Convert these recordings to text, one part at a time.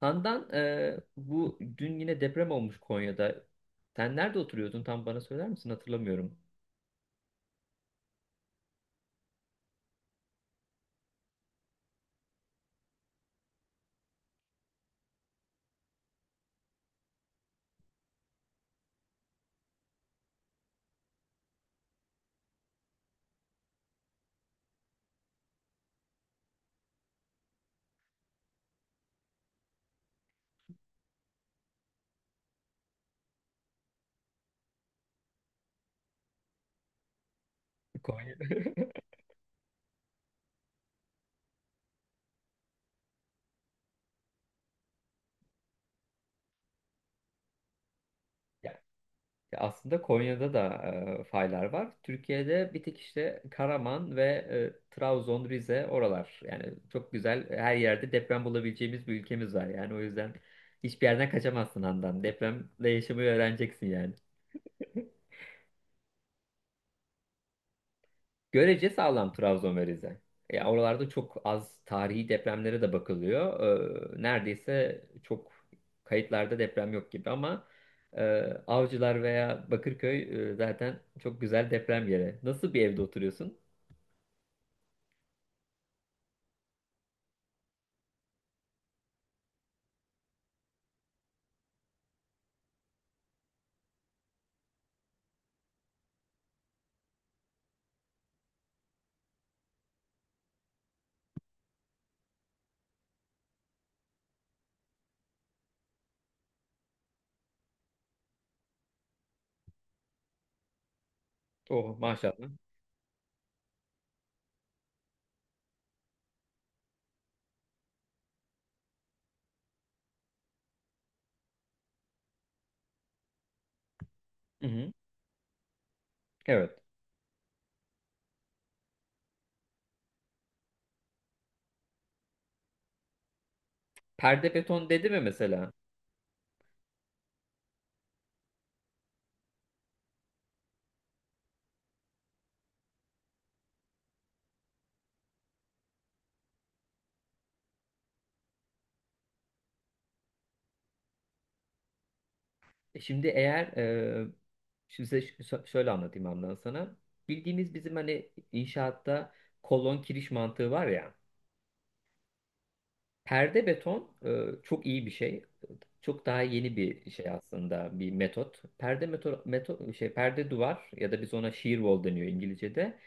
Handan, bu dün yine deprem olmuş Konya'da. Sen nerede oturuyordun, tam bana söyler misin? Hatırlamıyorum. Konya. Ya, ya aslında Konya'da da faylar var. Türkiye'de bir tek işte Karaman ve Trabzon, Rize oralar. Yani çok güzel, her yerde deprem bulabileceğimiz bir ülkemiz var. Yani o yüzden hiçbir yerden kaçamazsın Handan. Depremle yaşamayı öğreneceksin yani. Görece sağlam Trabzon ve Rize. Ya oralarda çok az tarihi depremlere de bakılıyor. Neredeyse çok kayıtlarda deprem yok gibi ama e, Avcılar veya Bakırköy, zaten çok güzel deprem yeri. Nasıl bir evde oturuyorsun? Oh, maşallah. Hı hı. Evet. Perde beton dedi mi mesela? Şimdi eğer şimdi size şöyle anlatayım, Andan, sana. Bildiğimiz bizim hani inşaatta kolon kiriş mantığı var ya. Perde beton çok iyi bir şey. Çok daha yeni bir şey aslında, bir metot. Perde meto, meto şey perde duvar, ya da biz ona shear wall deniyor İngilizce'de.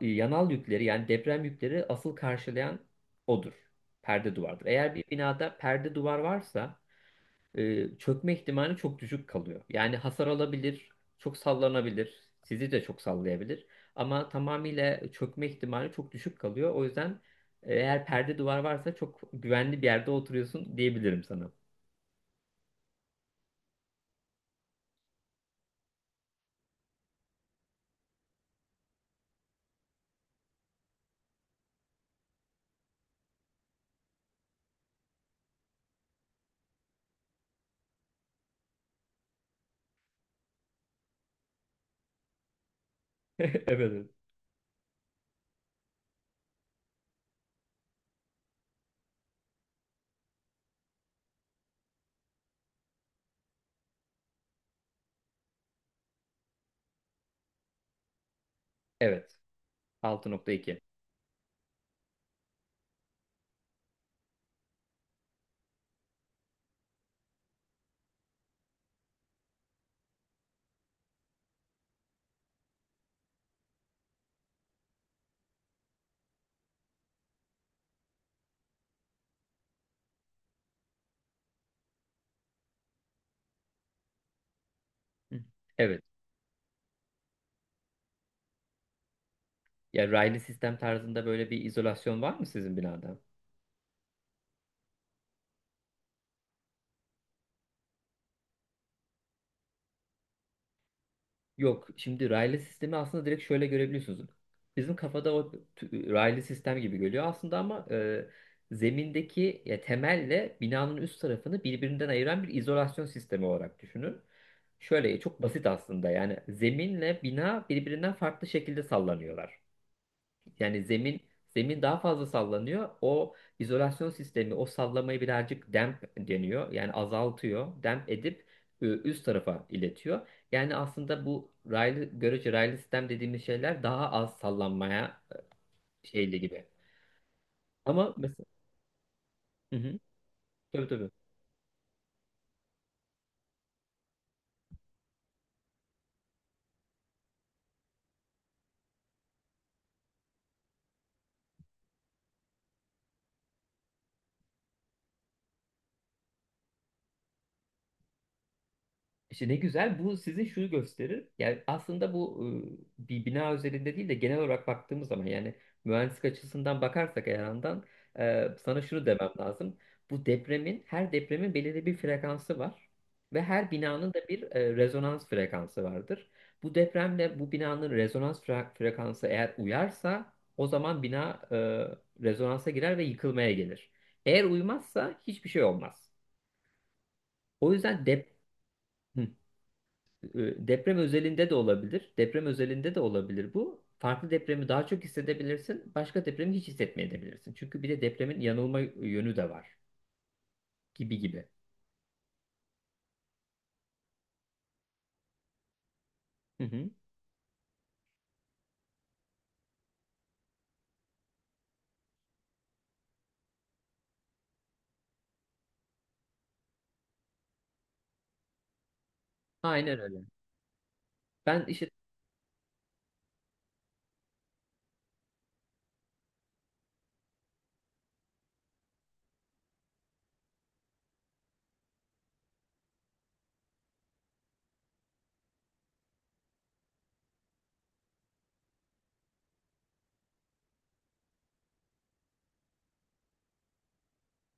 Yanal yükleri, yani deprem yükleri asıl karşılayan odur. Perde duvardır. Eğer bir binada perde duvar varsa çökme ihtimali çok düşük kalıyor. Yani hasar alabilir, çok sallanabilir, sizi de çok sallayabilir. Ama tamamıyla çökme ihtimali çok düşük kalıyor. O yüzden eğer perde duvar varsa çok güvenli bir yerde oturuyorsun diyebilirim sana. Evet. Evet. Evet. 6.2. Hı. Evet. Ya raylı sistem tarzında böyle bir izolasyon var mı sizin binada? Yok, şimdi raylı sistemi aslında direkt şöyle görebiliyorsunuz. Bizim kafada raylı sistem gibi geliyor aslında ama zemindeki ya, temelle binanın üst tarafını birbirinden ayıran bir izolasyon sistemi olarak düşünün. Şöyle çok basit aslında, yani zeminle bina birbirinden farklı şekilde sallanıyorlar. Yani zemin daha fazla sallanıyor. O izolasyon sistemi o sallamayı birazcık damp deniyor. Yani azaltıyor. Damp edip üst tarafa iletiyor. Yani aslında bu raylı, görece raylı sistem dediğimiz şeyler daha az sallanmaya şeyli gibi. Ama mesela hı hı, tabii tabii. İşte ne güzel, bu sizin şunu gösterir. Yani aslında bu bir bina özelinde değil de genel olarak baktığımız zaman, yani mühendislik açısından bakarsak eğer yandan sana şunu demem lazım. Bu depremin, her depremin belirli bir frekansı var ve her binanın da bir rezonans frekansı vardır. Bu depremle bu binanın rezonans frekansı eğer uyarsa o zaman bina rezonansa girer ve yıkılmaya gelir. Eğer uymazsa hiçbir şey olmaz. O yüzden dep. Hı. Deprem özelinde de olabilir. Deprem özelinde de olabilir bu. Farklı depremi daha çok hissedebilirsin. Başka depremi hiç hissetmeyebilirsin. Çünkü bir de depremin yanılma yönü de var. Gibi gibi. Hı hı. Aynen öyle. Ben işte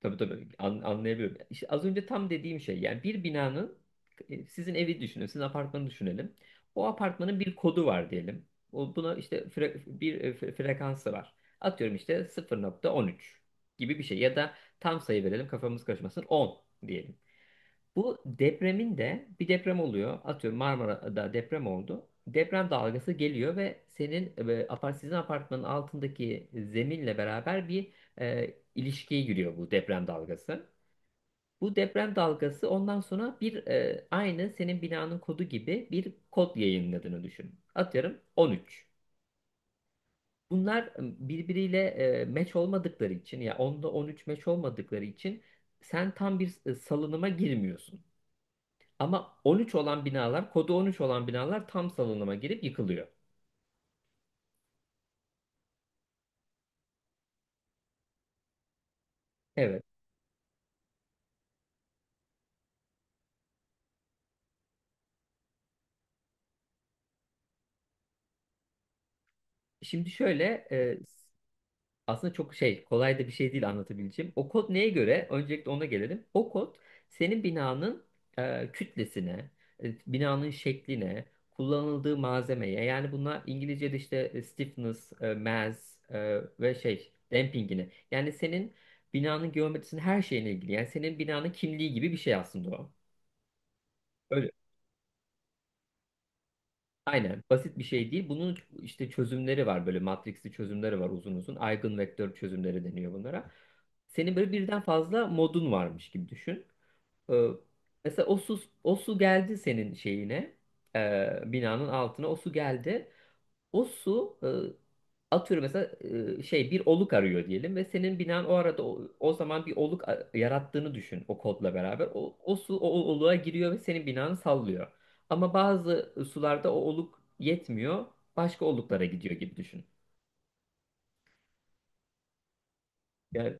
tabii tabii anlayabiliyorum. İşte az önce tam dediğim şey, yani bir binanın, sizin evi düşünün, sizin apartmanı düşünelim. O apartmanın bir kodu var diyelim. O, buna işte bir frekansı var. Atıyorum işte 0.13 gibi bir şey, ya da tam sayı verelim kafamız karışmasın, 10 diyelim. Bu depremin de bir deprem oluyor. Atıyorum Marmara'da deprem oldu. Deprem dalgası geliyor ve senin e, apart sizin apartmanın altındaki zeminle beraber bir ilişkiye giriyor bu deprem dalgası. Bu deprem dalgası ondan sonra bir aynı senin binanın kodu gibi bir kod yayınladığını düşün. Atıyorum 13. Bunlar birbiriyle match olmadıkları için, ya 10'da 13 match olmadıkları için sen tam bir salınıma girmiyorsun. Ama 13 olan binalar, kodu 13 olan binalar tam salınıma girip yıkılıyor. Evet. Şimdi şöyle, e, aslında çok şey, kolay da bir şey değil anlatabileceğim. O kod neye göre? Öncelikle ona gelelim. O kod senin binanın kütlesine, binanın şekline, kullanıldığı malzemeye, yani bunlar İngilizce'de işte stiffness, mass ve şey dampingine. Yani senin binanın geometrisinin her şeyine ilgili. Yani senin binanın kimliği gibi bir şey aslında o. Öyle. Aynen basit bir şey değil. Bunun işte çözümleri var, böyle matrixli çözümleri var uzun uzun. Eigenvektör çözümleri deniyor bunlara. Senin böyle birden fazla modun varmış gibi düşün. Ee, mesela o su, o su geldi senin şeyine, binanın altına o su geldi. O su atıyorum mesela şey bir oluk arıyor diyelim ve senin binan o arada o zaman bir yarattığını düşün o kodla beraber. O su o oluğa giriyor ve senin binanı sallıyor. Ama bazı sularda o oluk yetmiyor, başka oluklara gidiyor gibi düşün. Yani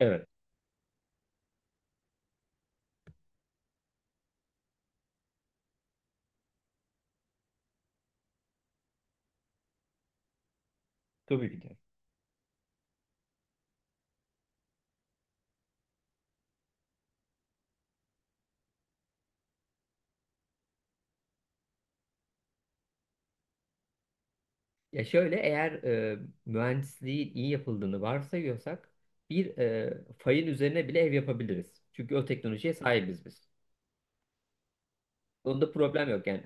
evet, tabii ki de. Ya şöyle, eğer mühendisliğin iyi yapıldığını varsayıyorsak bir fayın üzerine bile ev yapabiliriz. Çünkü o teknolojiye sahibiz biz. Onda problem yok yani.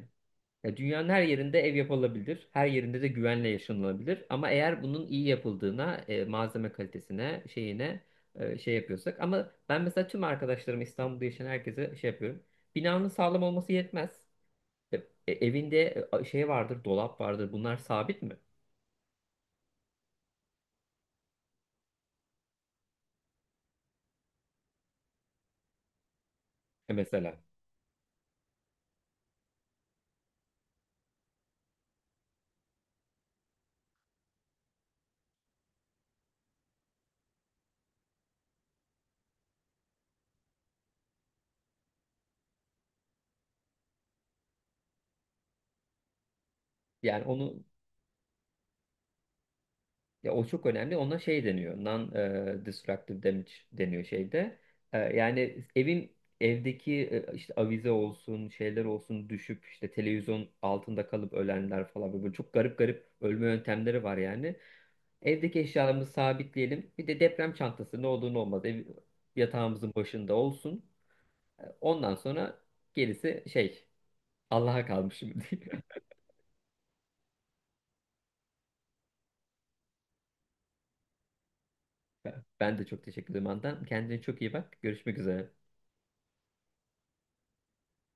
Ya dünyanın her yerinde ev yapılabilir. Her yerinde de güvenle yaşanılabilir. Ama eğer bunun iyi yapıldığına, malzeme kalitesine, şeyine şey yapıyorsak. Ama ben mesela tüm arkadaşlarım, İstanbul'da yaşayan herkese şey yapıyorum. Binanın sağlam olması yetmez. E, evinde şey vardır, dolap vardır. Bunlar sabit mi? Mesela. Yani onu, ya o çok önemli. Ona şey deniyor. Non-destructive damage deniyor şeyde. Yani evdeki işte avize olsun, şeyler olsun düşüp işte televizyon altında kalıp ölenler falan, böyle çok garip garip ölme yöntemleri var yani. Evdeki eşyalarımızı sabitleyelim. Bir de deprem çantası, ne olur ne olmaz, ev yatağımızın başında olsun. Ondan sonra gerisi şey, Allah'a kalmış şimdi. Ben de çok teşekkür ederim Andan. Kendine çok iyi bak. Görüşmek üzere.